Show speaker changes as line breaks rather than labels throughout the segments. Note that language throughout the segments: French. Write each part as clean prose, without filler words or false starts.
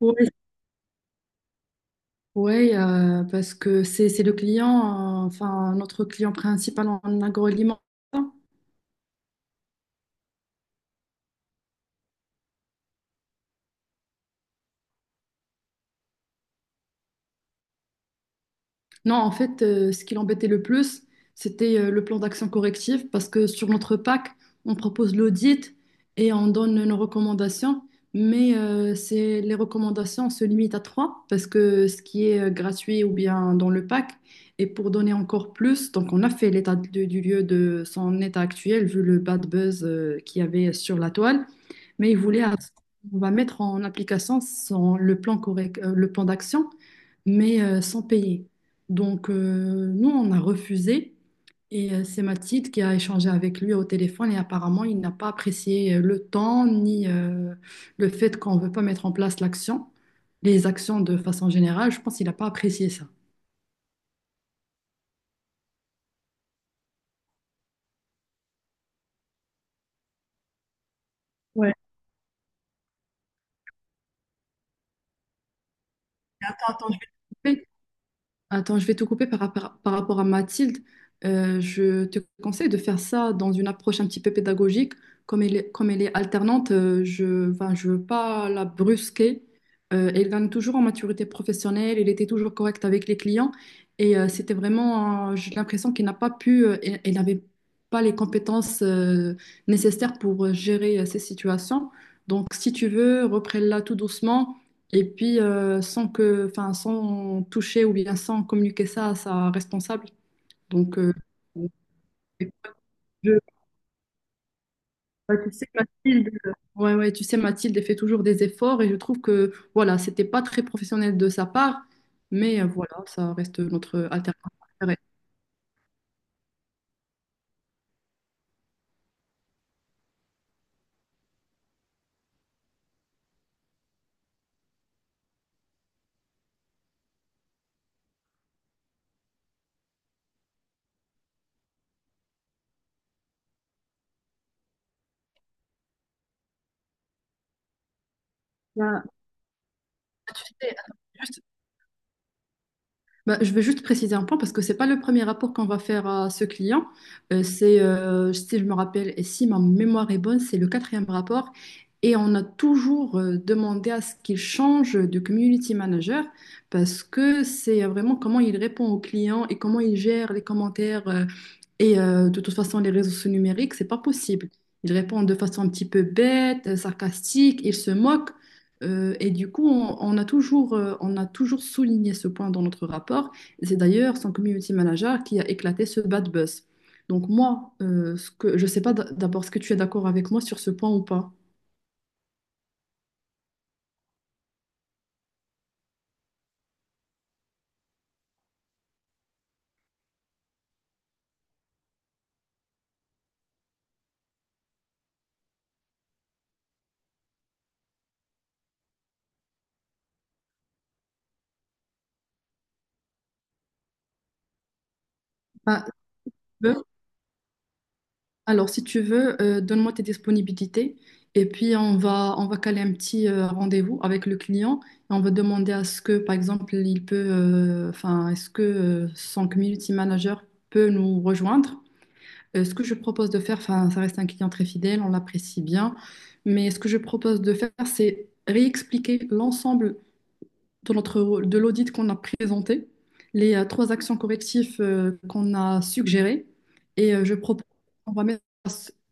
Oui, ouais, parce que c'est le client, enfin notre client principal en agroalimentaire. Non, en fait, ce qui l'embêtait le plus, c'était le plan d'action correctif parce que sur notre PAC, on propose l'audit et on donne nos recommandations, mais c'est, les recommandations se limitent à trois parce que ce qui est gratuit ou bien dans le PAC, et pour donner encore plus, donc on a fait du lieu de son état actuel vu le bad buzz qu'il y avait sur la toile, mais on va mettre en application le plan correct, le plan d'action, mais sans payer. Donc, nous, on a refusé. Et c'est Mathilde qui a échangé avec lui au téléphone. Et apparemment, il n'a pas apprécié le temps ni le fait qu'on ne veut pas mettre en place l'action, les actions de façon générale. Je pense qu'il n'a pas apprécié ça. T'as entendu. Attends, je vais te couper par rapport à Mathilde. Je te conseille de faire ça dans une approche un petit peu pédagogique. Comme elle est alternante, je, enfin, je veux pas la brusquer. Elle gagne toujours en maturité professionnelle. Elle était toujours correcte avec les clients. Et c'était vraiment, j'ai l'impression qu'elle n'a pas pu, elle, elle n'avait pas les compétences nécessaires pour gérer ces situations. Donc, si tu veux, reprends-la tout doucement. Et puis, sans que, enfin, sans toucher ou bien sans communiquer ça à sa responsable. Donc, je- ouais, tu sais, Mathilde, ouais, ouais, tu sais, Mathilde, elle fait toujours des efforts et je trouve que, voilà, c'était pas très professionnel de sa part, mais voilà, ça reste notre alternance préférée. Ben, tu sais, attends, juste. Ben, je veux juste préciser un point parce que c'est pas le premier rapport qu'on va faire à ce client. Si je me rappelle et si ma mémoire est bonne, c'est le quatrième rapport. Et on a toujours demandé à ce qu'il change de community manager parce que c'est vraiment comment il répond aux clients et comment il gère les commentaires et de toute façon les réseaux sociaux numériques, c'est pas possible. Il répond de façon un petit peu bête, sarcastique, il se moque. Et du coup, on a toujours souligné ce point dans notre rapport. Et c'est d'ailleurs son community manager qui a éclaté ce bad buzz. Donc moi, ce que, je ne sais pas d'abord ce que tu es d'accord avec moi sur ce point ou pas. Ah, tu veux Alors, si tu veux, donne-moi tes disponibilités et puis on va caler un petit rendez-vous avec le client et on va demander à ce que, par exemple, il peut, enfin, est-ce que son community manager peut nous rejoindre. Ce que je propose de faire, enfin, ça reste un client très fidèle, on l'apprécie bien, mais ce que je propose de faire, c'est réexpliquer l'ensemble de notre, de l'audit qu'on a présenté, les trois actions correctives qu'on a suggérées. Et je propose qu'on va mettre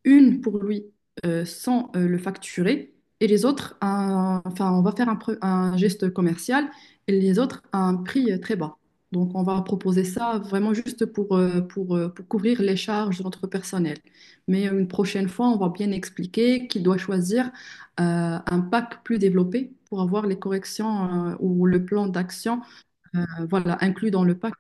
une pour lui sans le facturer et les autres, enfin, on va faire un geste commercial et les autres à un prix très bas. Donc, on va proposer ça vraiment juste pour couvrir les charges de notre personnel. Mais une prochaine fois, on va bien expliquer qu'il doit choisir un pack plus développé pour avoir les corrections ou le plan d'action voilà, inclus dans le pack.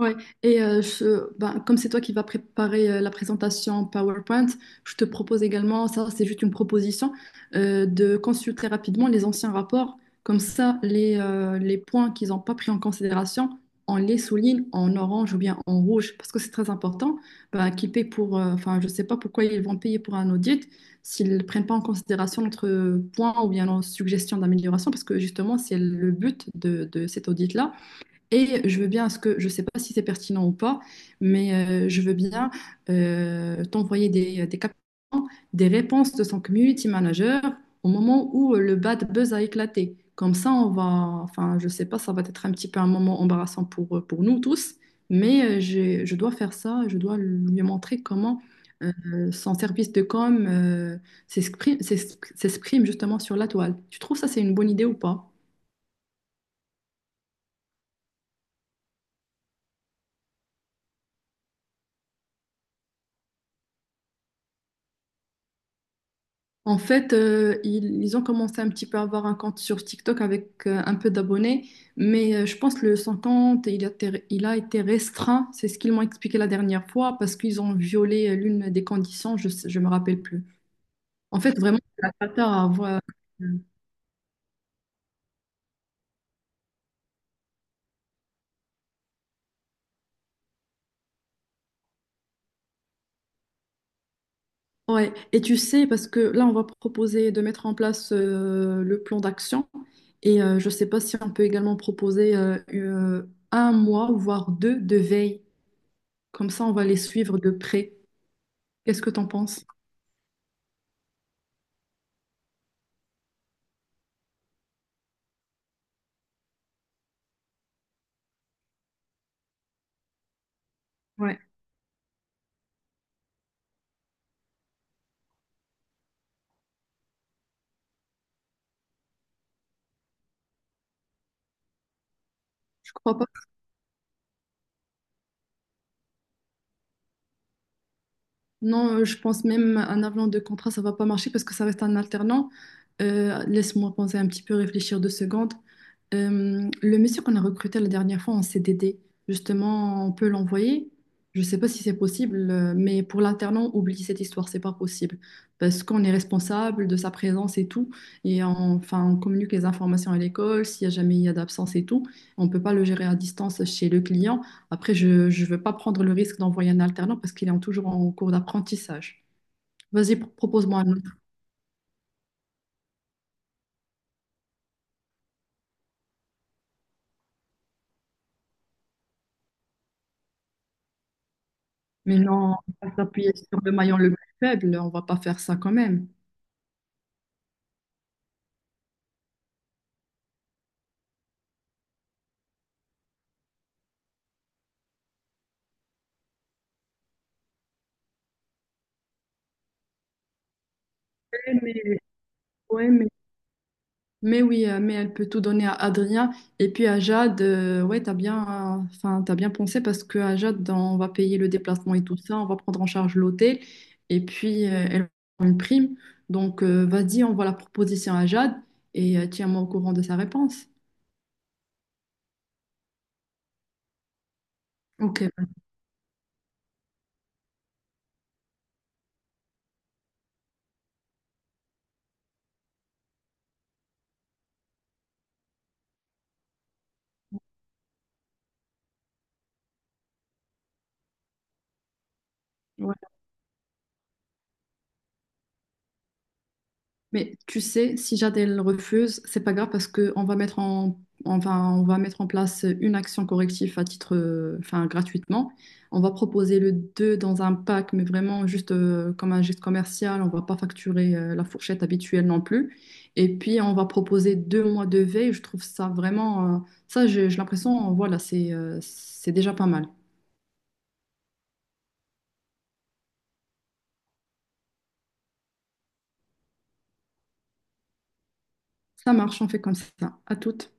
Ouais, et ben, comme c'est toi qui vas préparer la présentation PowerPoint, je te propose également, ça c'est juste une proposition, de consulter rapidement les anciens rapports. Comme ça, les points qu'ils n'ont pas pris en considération, on les souligne en orange ou bien en rouge, parce que c'est très important. Ben, qu'ils paient pour, enfin, je ne sais pas pourquoi ils vont payer pour un audit s'ils ne prennent pas en considération notre point ou bien nos suggestions d'amélioration, parce que justement, c'est le but de cet audit-là et je veux bien, à ce que je ne sais pas si c'est pertinent ou pas, mais je veux bien t'envoyer des captions, des réponses de son community manager au moment où le bad buzz a éclaté. Comme ça, on va, enfin, je ne sais pas, ça va être un petit peu un moment embarrassant pour nous tous, mais je dois faire ça, je dois lui montrer comment son service de com s'exprime justement sur la toile. Tu trouves ça, c'est une bonne idée ou pas? En fait, ils ont commencé un petit peu à avoir un compte sur TikTok avec un peu d'abonnés, mais je pense que le son compte, il a été restreint. C'est ce qu'ils m'ont expliqué la dernière fois parce qu'ils ont violé l'une des conditions, je ne me rappelle plus. En fait, vraiment, c'est la cata à avoir. euh, Ouais. Et tu sais, parce que là, on va proposer de mettre en place le plan d'action. Et je ne sais pas si on peut également proposer un mois, voire deux, de veille. Comme ça, on va les suivre de près. Qu'est-ce que t'en penses? Ouais, je crois pas. Non, je pense même un avenant de contrat, ça va pas marcher parce que ça reste un alternant. Laisse-moi penser un petit peu, réfléchir deux secondes. Le monsieur qu'on a recruté la dernière fois en CDD, justement, on peut l'envoyer. Je sais pas si c'est possible, mais pour l'alternant, oublie cette histoire, c'est pas possible. Parce qu'on est responsable de sa présence et tout. Enfin, on communique les informations à l'école, s'il y a jamais il y a d'absence et tout. On peut pas le gérer à distance chez le client. Après, je ne veux pas prendre le risque d'envoyer un alternant parce qu'toujours en cours d'apprentissage. Vas-y, propose-moi un autre. Mais non, on va s'appuyer sur le maillon le plus faible, on va pas faire ça quand même. Ouais, mais, ouais, mais- mais oui, mais elle peut tout donner à Adrien et puis à Jade. Ouais, t'as bien, enfin, t'as bien pensé parce que à Jade, on va payer le déplacement et tout ça, on va prendre en charge l'hôtel et puis elle aura une prime. Donc, vas-y, on voit la proposition à Jade et tiens-moi au courant de sa réponse. Ok. Mais tu sais, si Jadel refuse, c'est pas grave parce que on va mettre en, enfin, on va mettre en place une action corrective à titre, enfin, gratuitement. On va proposer le 2 dans un pack, mais vraiment juste comme un geste commercial. On va pas facturer la fourchette habituelle non plus. Et puis, on va proposer deux mois de veille. Je trouve ça vraiment, ça, j'ai l'impression, voilà, c'est déjà pas mal. Ça marche, on fait comme ça. À toutes.